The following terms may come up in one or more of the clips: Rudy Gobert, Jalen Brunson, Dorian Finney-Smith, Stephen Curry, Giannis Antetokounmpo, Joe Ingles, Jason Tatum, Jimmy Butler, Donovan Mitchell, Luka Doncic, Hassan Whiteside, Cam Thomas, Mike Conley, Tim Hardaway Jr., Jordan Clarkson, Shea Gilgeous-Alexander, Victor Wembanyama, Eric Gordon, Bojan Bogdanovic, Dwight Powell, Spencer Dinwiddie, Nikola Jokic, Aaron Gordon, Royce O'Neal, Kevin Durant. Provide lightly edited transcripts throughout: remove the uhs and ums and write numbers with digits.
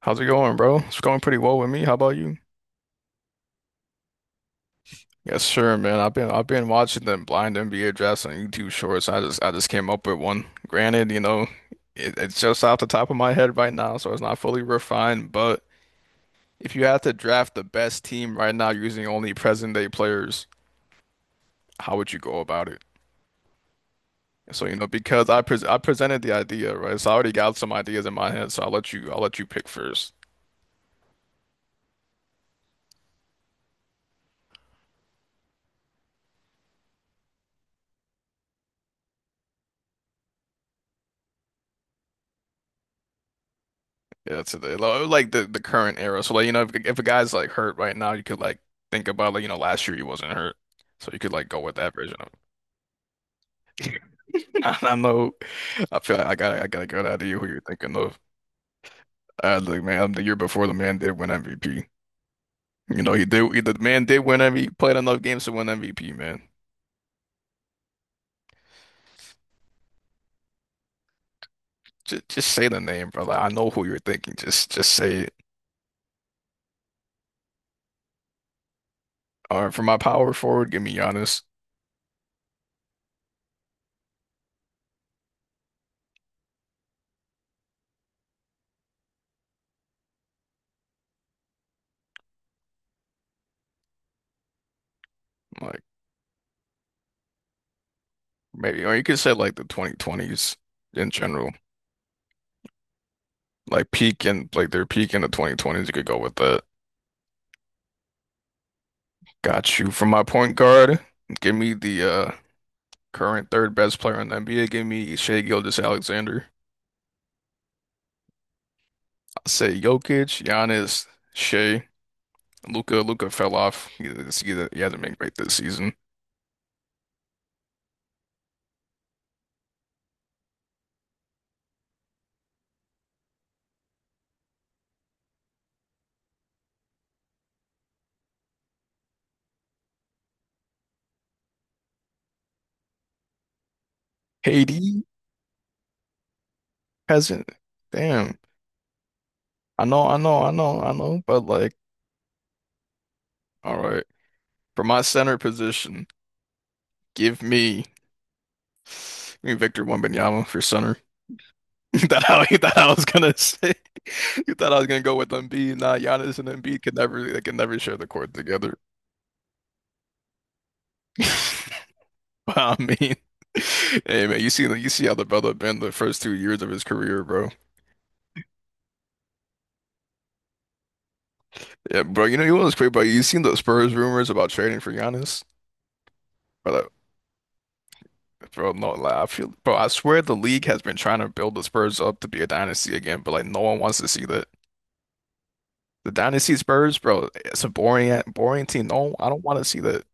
How's it going, bro? It's going pretty well with me. How about you? Yes, sure, man. I've been watching the blind NBA drafts on YouTube Shorts. I just came up with one. Granted, it's just off the top of my head right now, so it's not fully refined. But if you had to draft the best team right now using only present day players, how would you go about it? So, because I presented the idea, right? So I already got some ideas in my head. So I'll let you pick first. Yeah, like the current era. So like if a guy's like hurt right now, you could like think about like last year he wasn't hurt, so you could like go with that version of. I know. I feel like I got a good idea who you're thinking of. I was like, man, the year before the man did win MVP. You know, he did. The man did win MVP. Played enough games to win MVP, man. Just say the name, brother. I know who you're thinking. Just say it. All right, for my power forward, give me Giannis. Like maybe, or you could say like the 2020s in general. Like peak and like their peak in the 2020s, you could go with that. Got you. For my point guard, give me the current third best player in the NBA. Give me Shea Gilgeous-Alexander. I'll say Jokic, Giannis, Shea, Luca. Luca fell off. He hasn't been great this season. KD hasn't. Damn. I know, I know, I know, I know. But like, all right. For my center position, give me Victor Wembanyama for center. You thought I was gonna say you thought I was gonna go with Embiid. Nah, Giannis and Embiid could never they can never share the court together. But I mean, hey man, you see how the brother been the first 2 years of his career, bro. Yeah, bro. You know you was crazy, bro. You seen the Spurs rumors about trading for Giannis, bro? Like, bro, no, like, I feel, bro. I swear the league has been trying to build the Spurs up to be a dynasty again, but like no one wants to see that. The dynasty Spurs, bro. It's a boring, boring team. No, I don't want to see that.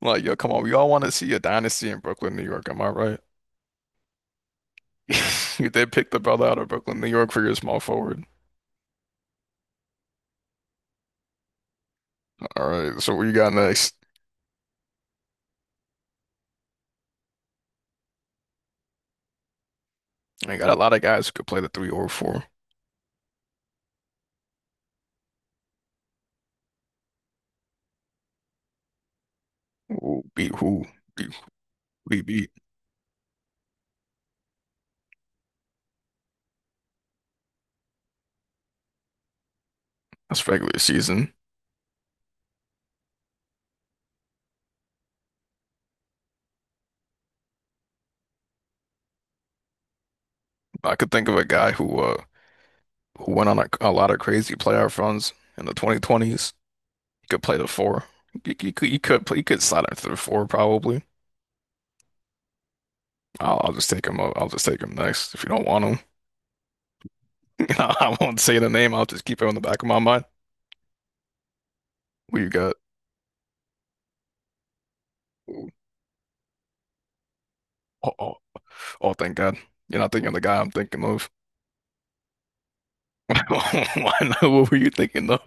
Like, yo, come on, we all want to see a dynasty in Brooklyn, New York. Am I right? You did pick the brother out of Brooklyn, New York for your small forward. All right, so what you got next? I got a lot of guys who could play the three or four. Who beat who? Beat who we beat? That's regular season. I could think of a guy who went on a lot of crazy playoff runs in the 2020s. He could play the four. He could slide into the four probably. I'll just take him. I'll just take him next. If you don't want him, I won't say the name. I'll just keep it on the back of my mind. We've got, oh, oh, oh, thank God. You're not thinking of the guy I'm thinking of. I know. What were you thinking of?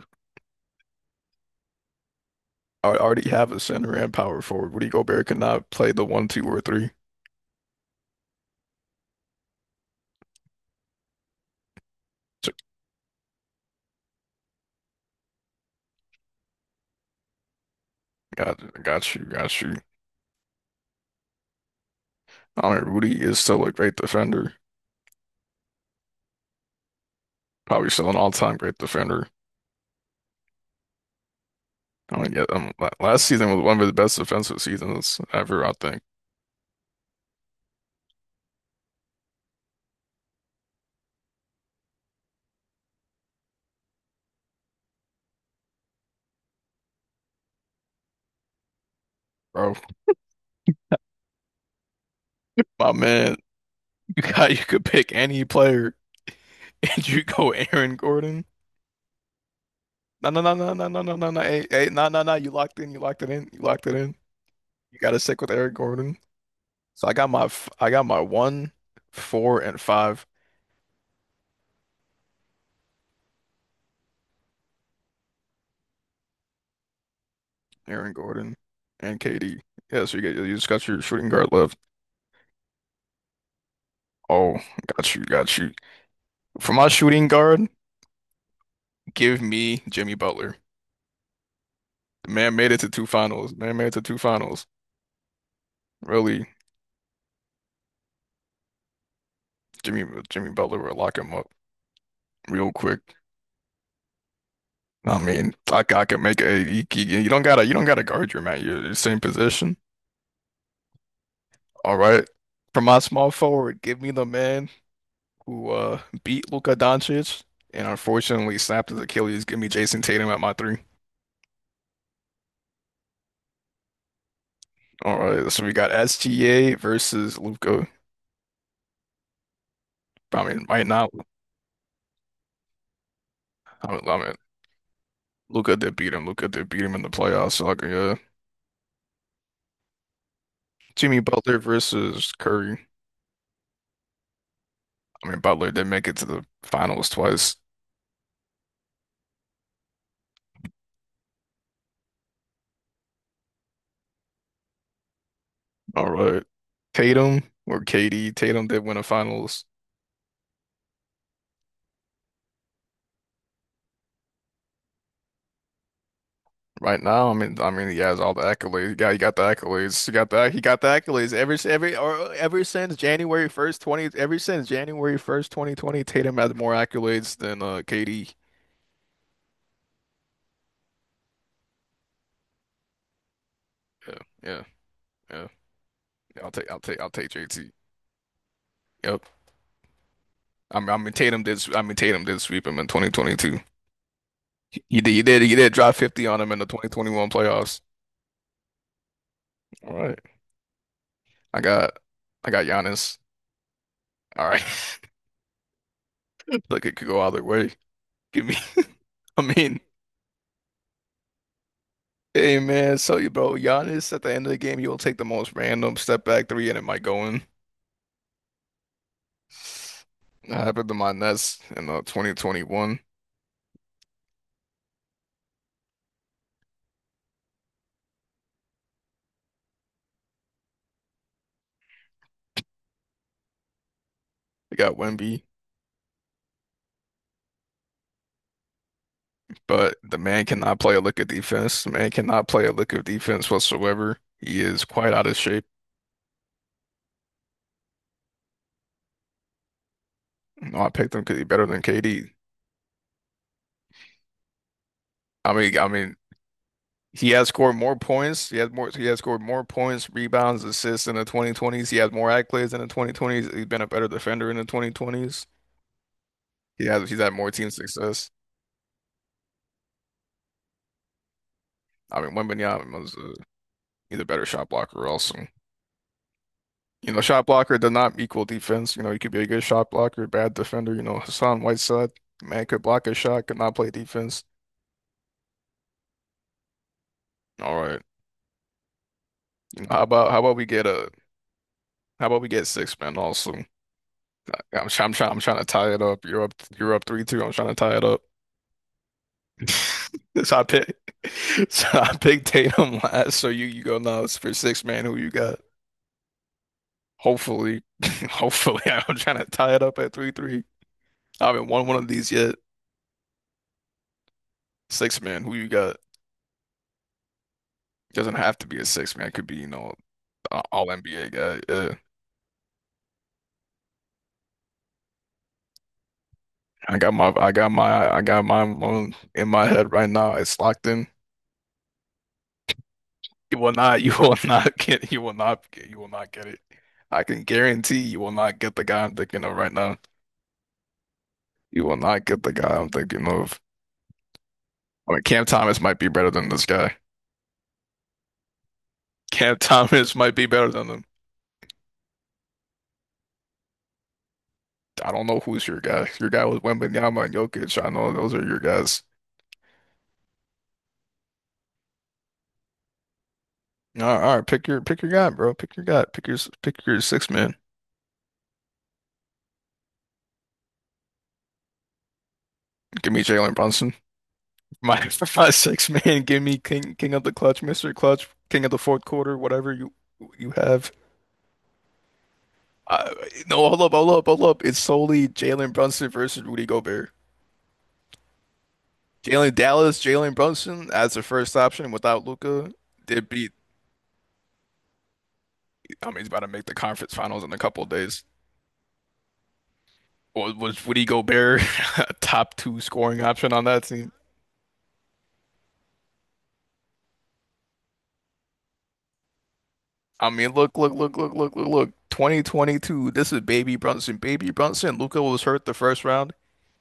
I already have a center and power forward. Rudy Gobert could not play the one, two, or three. So, got you, got you. I mean, Rudy is still a great defender. Probably still an all-time great defender. I mean, yeah, last season was one of his best defensive seasons ever, I think. Bro, my man, you could pick any player, and you go Aaron Gordon. No, no, no, no, no, no, no, no, no. Hey, hey, no, no, no. You locked in. You locked it in. You locked it in. You got to stick with Eric Gordon. So I got my one, four, and five. Aaron Gordon and KD. Yeah, so you just got your shooting guard left. Oh, got you, got you. For my shooting guard, give me Jimmy Butler. The man made it to two finals. Man made it to two finals. Really, Jimmy, Jimmy Butler will lock him up real quick. I mean, I can make a. You don't gotta guard your man. You're the same position. All right. For my small forward, give me the man who beat Luka Doncic and unfortunately snapped his Achilles. Give me Jason Tatum at my three. All right. So we got SGA versus Luka. I mean, might not. I mean Luka did beat him. Luka did beat him in the playoffs. So like, yeah. Jimmy Butler versus Curry. I mean, Butler did make it to the finals twice. All right. Tatum or KD. Tatum did win a finals. Right now, I mean, he has all the accolades. Yeah, he got the accolades. He got the accolades. Ever since January 1st, twenty. Ever since January 1st, 2020, Tatum had more accolades than KD. Yeah, yeah, yeah. Yeah, I'll take JT. Yep. I mean Tatum did. S- I mean Tatum did sweep him in 2022. He did drop 50 on him in the 2021 playoffs. All right. I got I got Giannis. All right. Look, it could go either way. Give me. I mean. Hey man, so you bro, Giannis at the end of the game, you'll take the most random step back three and it might go in. That happened to my Nets in 2021. They got Wemby, but the man cannot play a lick of defense. The man cannot play a lick of defense whatsoever. He is quite out of shape. No, I picked him because he's better than KD. I mean, he has scored more points. He has scored more points, rebounds, assists in the 2020s. He has more accolades in the 2020s. He's been a better defender in the 2020s. He has. He's had more team success. I mean, Wembanyama was either better shot blocker or else. And, shot blocker does not equal defense. He could be a good shot blocker, bad defender. Hassan Whiteside, man, could block a shot, could not play defense. All right. How about we get a how about we get six men also? I'm trying to tie it up. You're up 3-2. I'm trying to tie it up. So I pick, so I picked Tatum last. So you go nuts for six man. Who you got? Hopefully, hopefully I'm trying to tie it up at three three. I haven't won one of these yet. Six-man, who you got? Doesn't have to be a six man. It could be, all NBA guy. Yeah. I got my, I got my, I got mine on in my head right now. It's locked in. You will not, you will not get, you will not get, you will not get it. I can guarantee you will not get the guy I'm thinking of right now. You will not get the guy I'm thinking of. I mean, Cam Thomas might be better than this guy. Cam Thomas might be better than him. I don't know who's your guy. Your guy was Wembanyama and Jokic. I know those are your guys. All right, pick your guy, bro. Pick your guy. Pick your six man. Give me Jalen Brunson. My For my six man. Give me King of the Clutch, Mr. Clutch, King of the fourth quarter, whatever you have. Uh, no, hold up, hold up, hold up. It's solely Jalen Brunson versus Rudy Gobert. Jalen Brunson as the first option without Luca. Did beat. I mean, he's about to make the conference finals in a couple of days. Was Rudy Gobert a top two scoring option on that team? I mean, look, look, look, look, look, look, look. 2022. This is Baby Brunson. Baby Brunson. Luca was hurt the first round.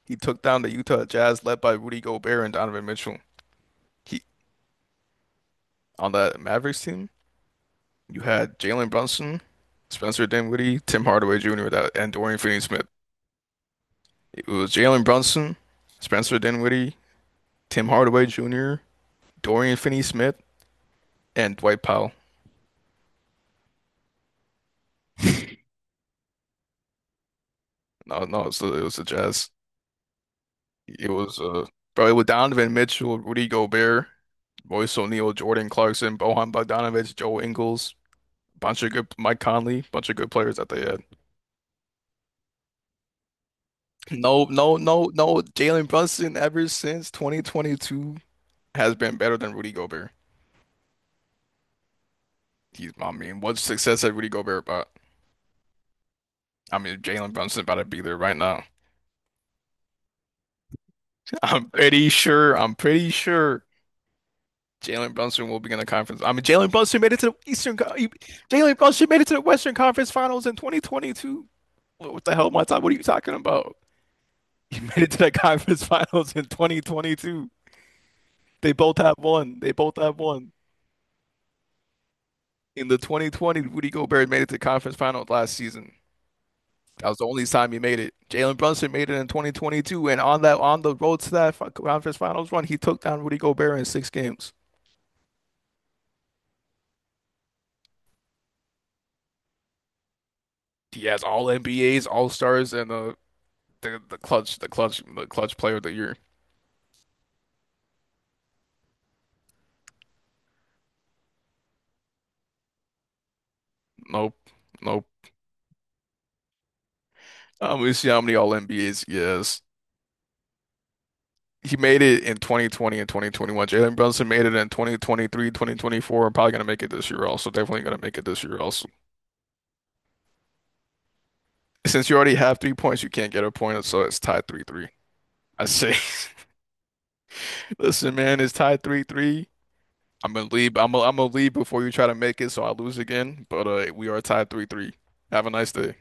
He took down the Utah Jazz, led by Rudy Gobert and Donovan Mitchell. He On that Mavericks team, you had Jalen Brunson, Spencer Dinwiddie, Tim Hardaway Jr., that, and Dorian Finney-Smith. It was Jalen Brunson, Spencer Dinwiddie, Tim Hardaway Jr., Dorian Finney-Smith, and Dwight Powell. No, no, it was the Jazz. It was probably with Donovan Mitchell, Rudy Gobert, Royce O'Neal, Jordan Clarkson, Bojan Bogdanovic, Joe Ingles, bunch of good Mike Conley, bunch of good players that they had. No, no, no, no. Jalen Brunson ever since 2022 has been better than Rudy Gobert. I mean, what success had Rudy Gobert about? I mean, Jalen Brunson about to be there right now. I'm pretty sure. I'm pretty sure Jalen Brunson will be in the conference. I mean, Jalen Brunson made it to the Eastern. Jalen Brunson made it to the Western Conference Finals in 2022. What the hell, my time? What are you talking about? You made it to the conference finals in 2022. They both have one. They both have one. In the 2020, Rudy Gobert made it to conference finals last season. That was the only time he made it. Jalen Brunson made it in 2022, and on the road to that conference finals run, he took down Rudy Gobert in 6 games. He has all NBAs, All Stars, and the clutch player of the year. Nope, nope. We see how many All NBAs he has. He made it in 2020 and 2021. Jalen Brunson made it in 2023, 2024. I'm probably gonna make it this year also. Definitely gonna make it this year also. Since you already have 3 points, you can't get a point, so it's tied 3-3. I say, listen, man, it's tied 3-3. I'm gonna leave before you try to make it, so I lose again. But we are tied 3-3. Have a nice day.